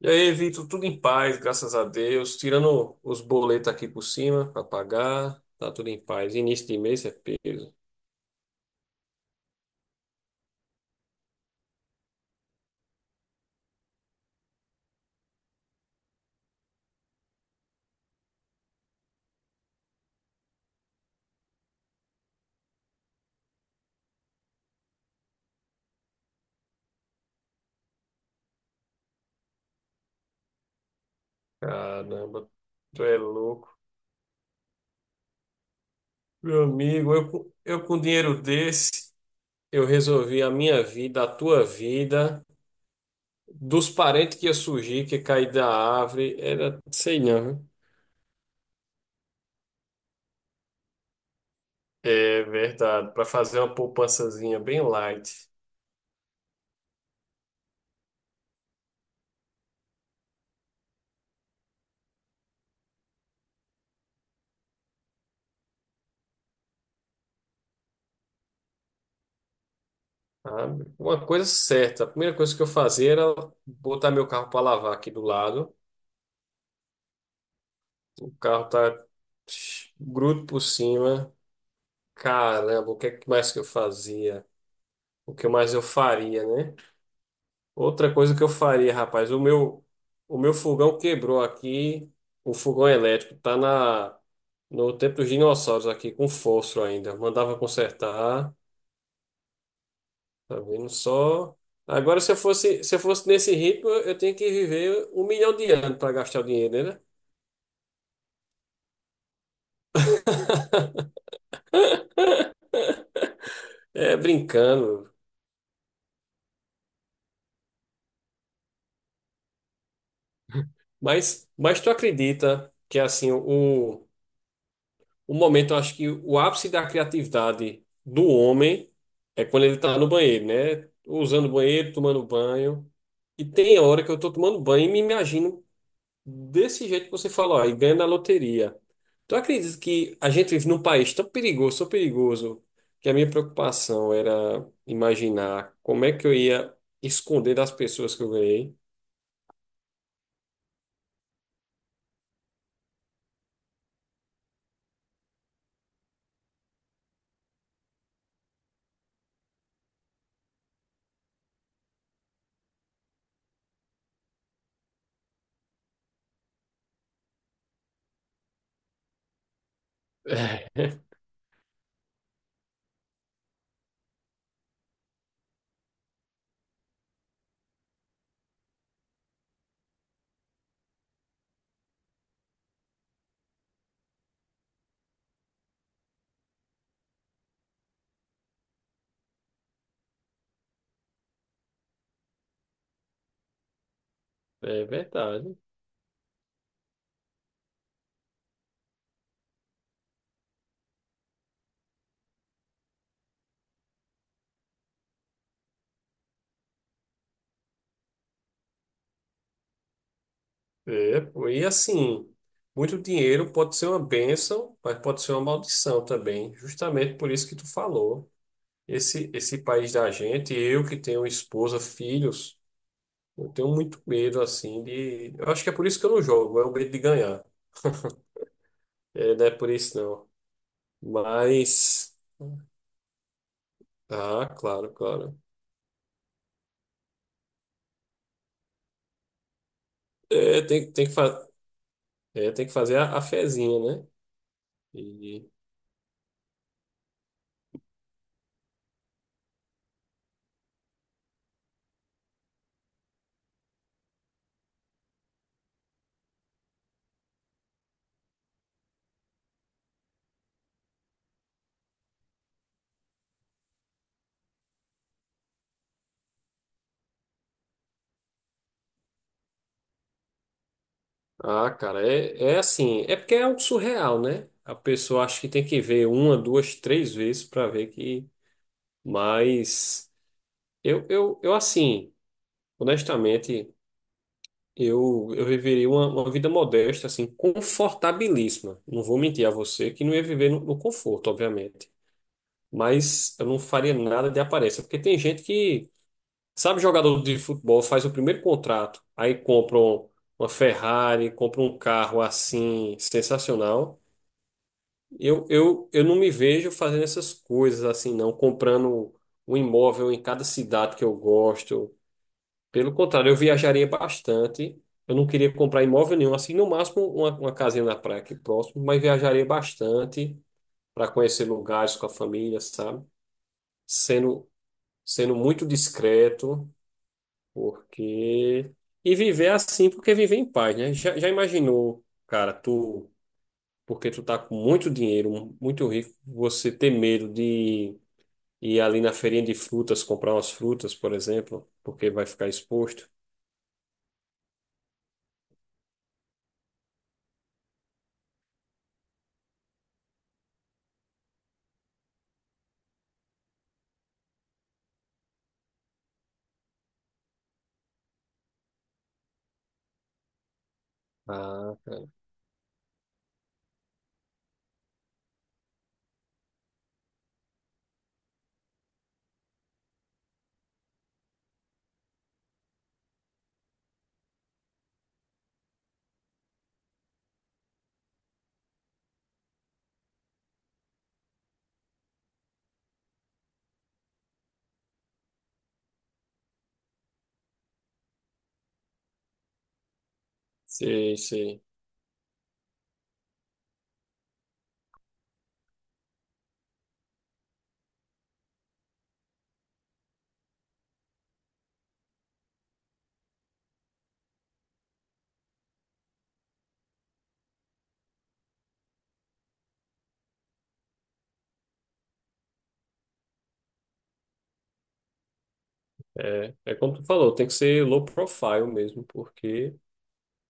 E aí, Vitor, tudo em paz, graças a Deus. Tirando os boletos aqui por cima para pagar, tá tudo em paz. Início de mês é peso. Caramba, tu é louco. Meu amigo, eu com dinheiro desse, eu resolvi a minha vida, a tua vida, dos parentes que ia surgir, que ia cair da árvore, era, sei não, viu? É verdade, para fazer uma poupançazinha bem light. Sabe? Uma coisa certa, a primeira coisa que eu fazia era botar meu carro para lavar aqui do lado. O carro tá bruto por cima. Caramba, o que é que mais que eu fazia? O que mais eu faria, né? Outra coisa que eu faria, rapaz, o meu fogão quebrou aqui. O fogão elétrico tá no tempo dos dinossauros aqui, com fósforo ainda. Mandava consertar, tá vendo só? Agora, se eu fosse nesse ritmo, eu tenho que viver 1 milhão de anos para gastar o dinheiro, né? É brincando. Mas tu acredita que assim, o momento, eu acho que o ápice da criatividade do homem é quando ele tá no banheiro, né? Usando o banheiro, tomando banho. E tem hora que eu tô tomando banho e me imagino desse jeito que você falou, aí ganha na loteria. Tu acredita que a gente vive num país tão perigoso, que a minha preocupação era imaginar como é que eu ia esconder das pessoas que eu ganhei? É, é verdade. É, pô, e assim, muito dinheiro pode ser uma bênção, mas pode ser uma maldição também, justamente por isso que tu falou. Esse país da gente, eu que tenho esposa, filhos, eu tenho muito medo, assim. De... Eu acho que é por isso que eu não jogo, é o medo de ganhar. É, não é por isso, não. Mas. Ah, claro, claro. É, tem que, é, tem que fazer a fezinha, né? Ah, cara, é assim, é porque é algo surreal, né? A pessoa acha que tem que ver uma, duas, três vezes para ver que. Mas eu assim, honestamente, eu viveria uma vida modesta, assim, confortabilíssima. Não vou mentir a você que não ia viver no conforto, obviamente. Mas eu não faria nada de aparência, porque tem gente que, sabe, jogador de futebol faz o primeiro contrato, aí compra uma Ferrari, compra um carro assim, sensacional. Eu não me vejo fazendo essas coisas assim, não, comprando um imóvel em cada cidade que eu gosto. Pelo contrário, eu viajaria bastante. Eu não queria comprar imóvel nenhum, assim, no máximo uma casinha na praia aqui próximo, mas viajaria bastante para conhecer lugares com a família, sabe? Sendo, sendo muito discreto. Porque. E viver assim, porque viver em paz, né? Já imaginou, cara, tu porque tu tá com muito dinheiro, muito rico, você ter medo de ir ali na feirinha de frutas, comprar umas frutas, por exemplo, porque vai ficar exposto. Ah, cara. Sei, sei. É, é como tu falou, tem que ser low profile mesmo, porque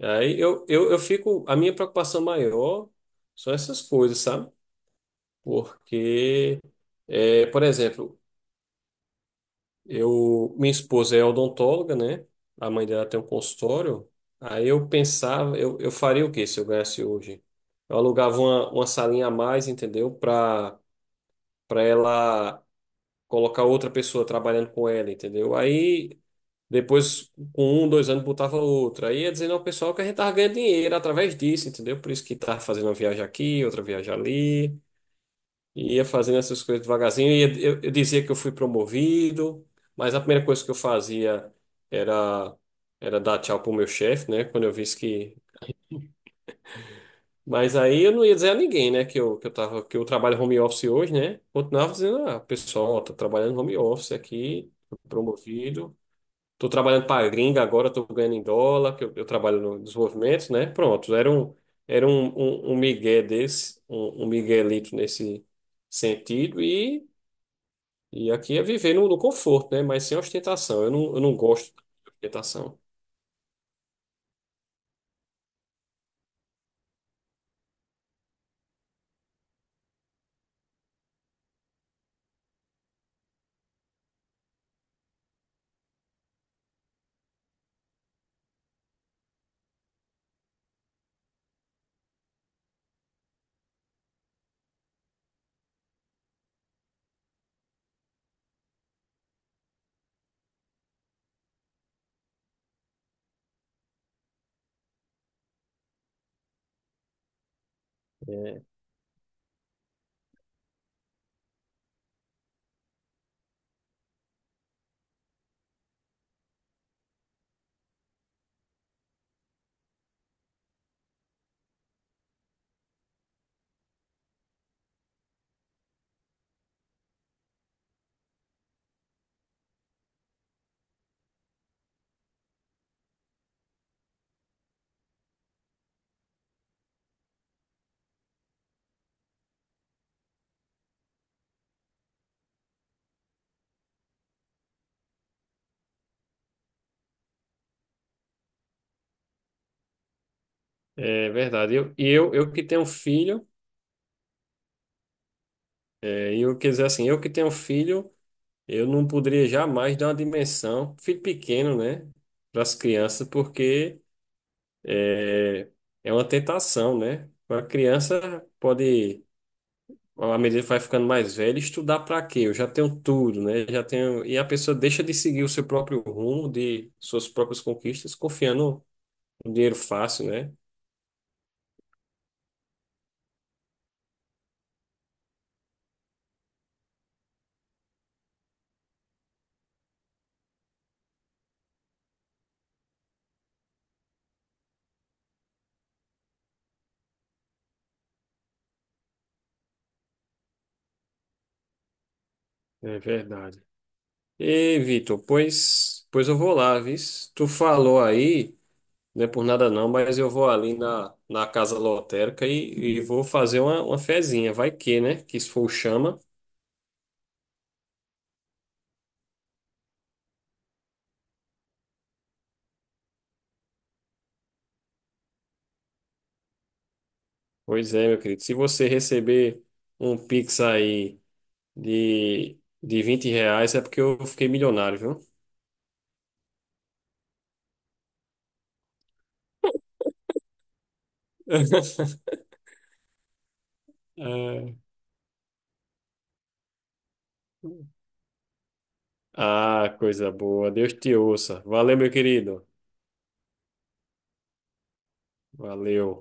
aí eu fico. A minha preocupação maior são essas coisas, sabe? Porque, por exemplo, eu, minha esposa é odontóloga, né? A mãe dela tem um consultório. Aí eu pensava, eu faria o quê se eu ganhasse hoje? Eu alugava uma salinha a mais, entendeu? Para ela colocar outra pessoa trabalhando com ela, entendeu? Aí depois, com um, dois anos, botava outra. Aí ia dizendo ao pessoal que a gente tava ganhando dinheiro através disso, entendeu? Por isso que tava fazendo uma viagem aqui, outra viagem ali. E ia fazendo essas coisas devagarzinho. E eu dizia que eu fui promovido, mas a primeira coisa que eu fazia era, era dar tchau pro meu chefe, né? Quando eu visse que. Mas aí eu não ia dizer a ninguém, né? Que eu trabalho home office hoje, né? Continuava dizendo, ah, pessoal, tô trabalhando home office aqui, fui promovido. Tô trabalhando para gringa agora, tô ganhando em dólar, que eu trabalho no desenvolvimento, né? Pronto, era um migué desse, um miguelito nesse sentido. E aqui é viver no conforto, né? Mas sem ostentação. Eu não gosto de ostentação. É, é verdade. Eu que tenho filho, e eu quer dizer assim, eu que tenho filho, eu não poderia jamais dar uma dimensão, filho pequeno, né? Para as crianças, porque é, é uma tentação, né? A criança pode, à medida que vai ficando mais velha, estudar para quê? Eu já tenho tudo, né? Já tenho, e a pessoa deixa de seguir o seu próprio rumo, de suas próprias conquistas, confiando. Um dinheiro fácil, né? É verdade. Ei, Vitor, pois eu vou lá, vis. Tu falou aí, não é por nada não, mas eu vou ali na casa lotérica e vou fazer uma fezinha. Vai que, né? Que se for o chama. Pois é, meu querido. Se você receber um Pix aí de R$ 20, é porque eu fiquei milionário, viu? É. Ah, coisa boa. Deus te ouça. Valeu, meu querido. Valeu.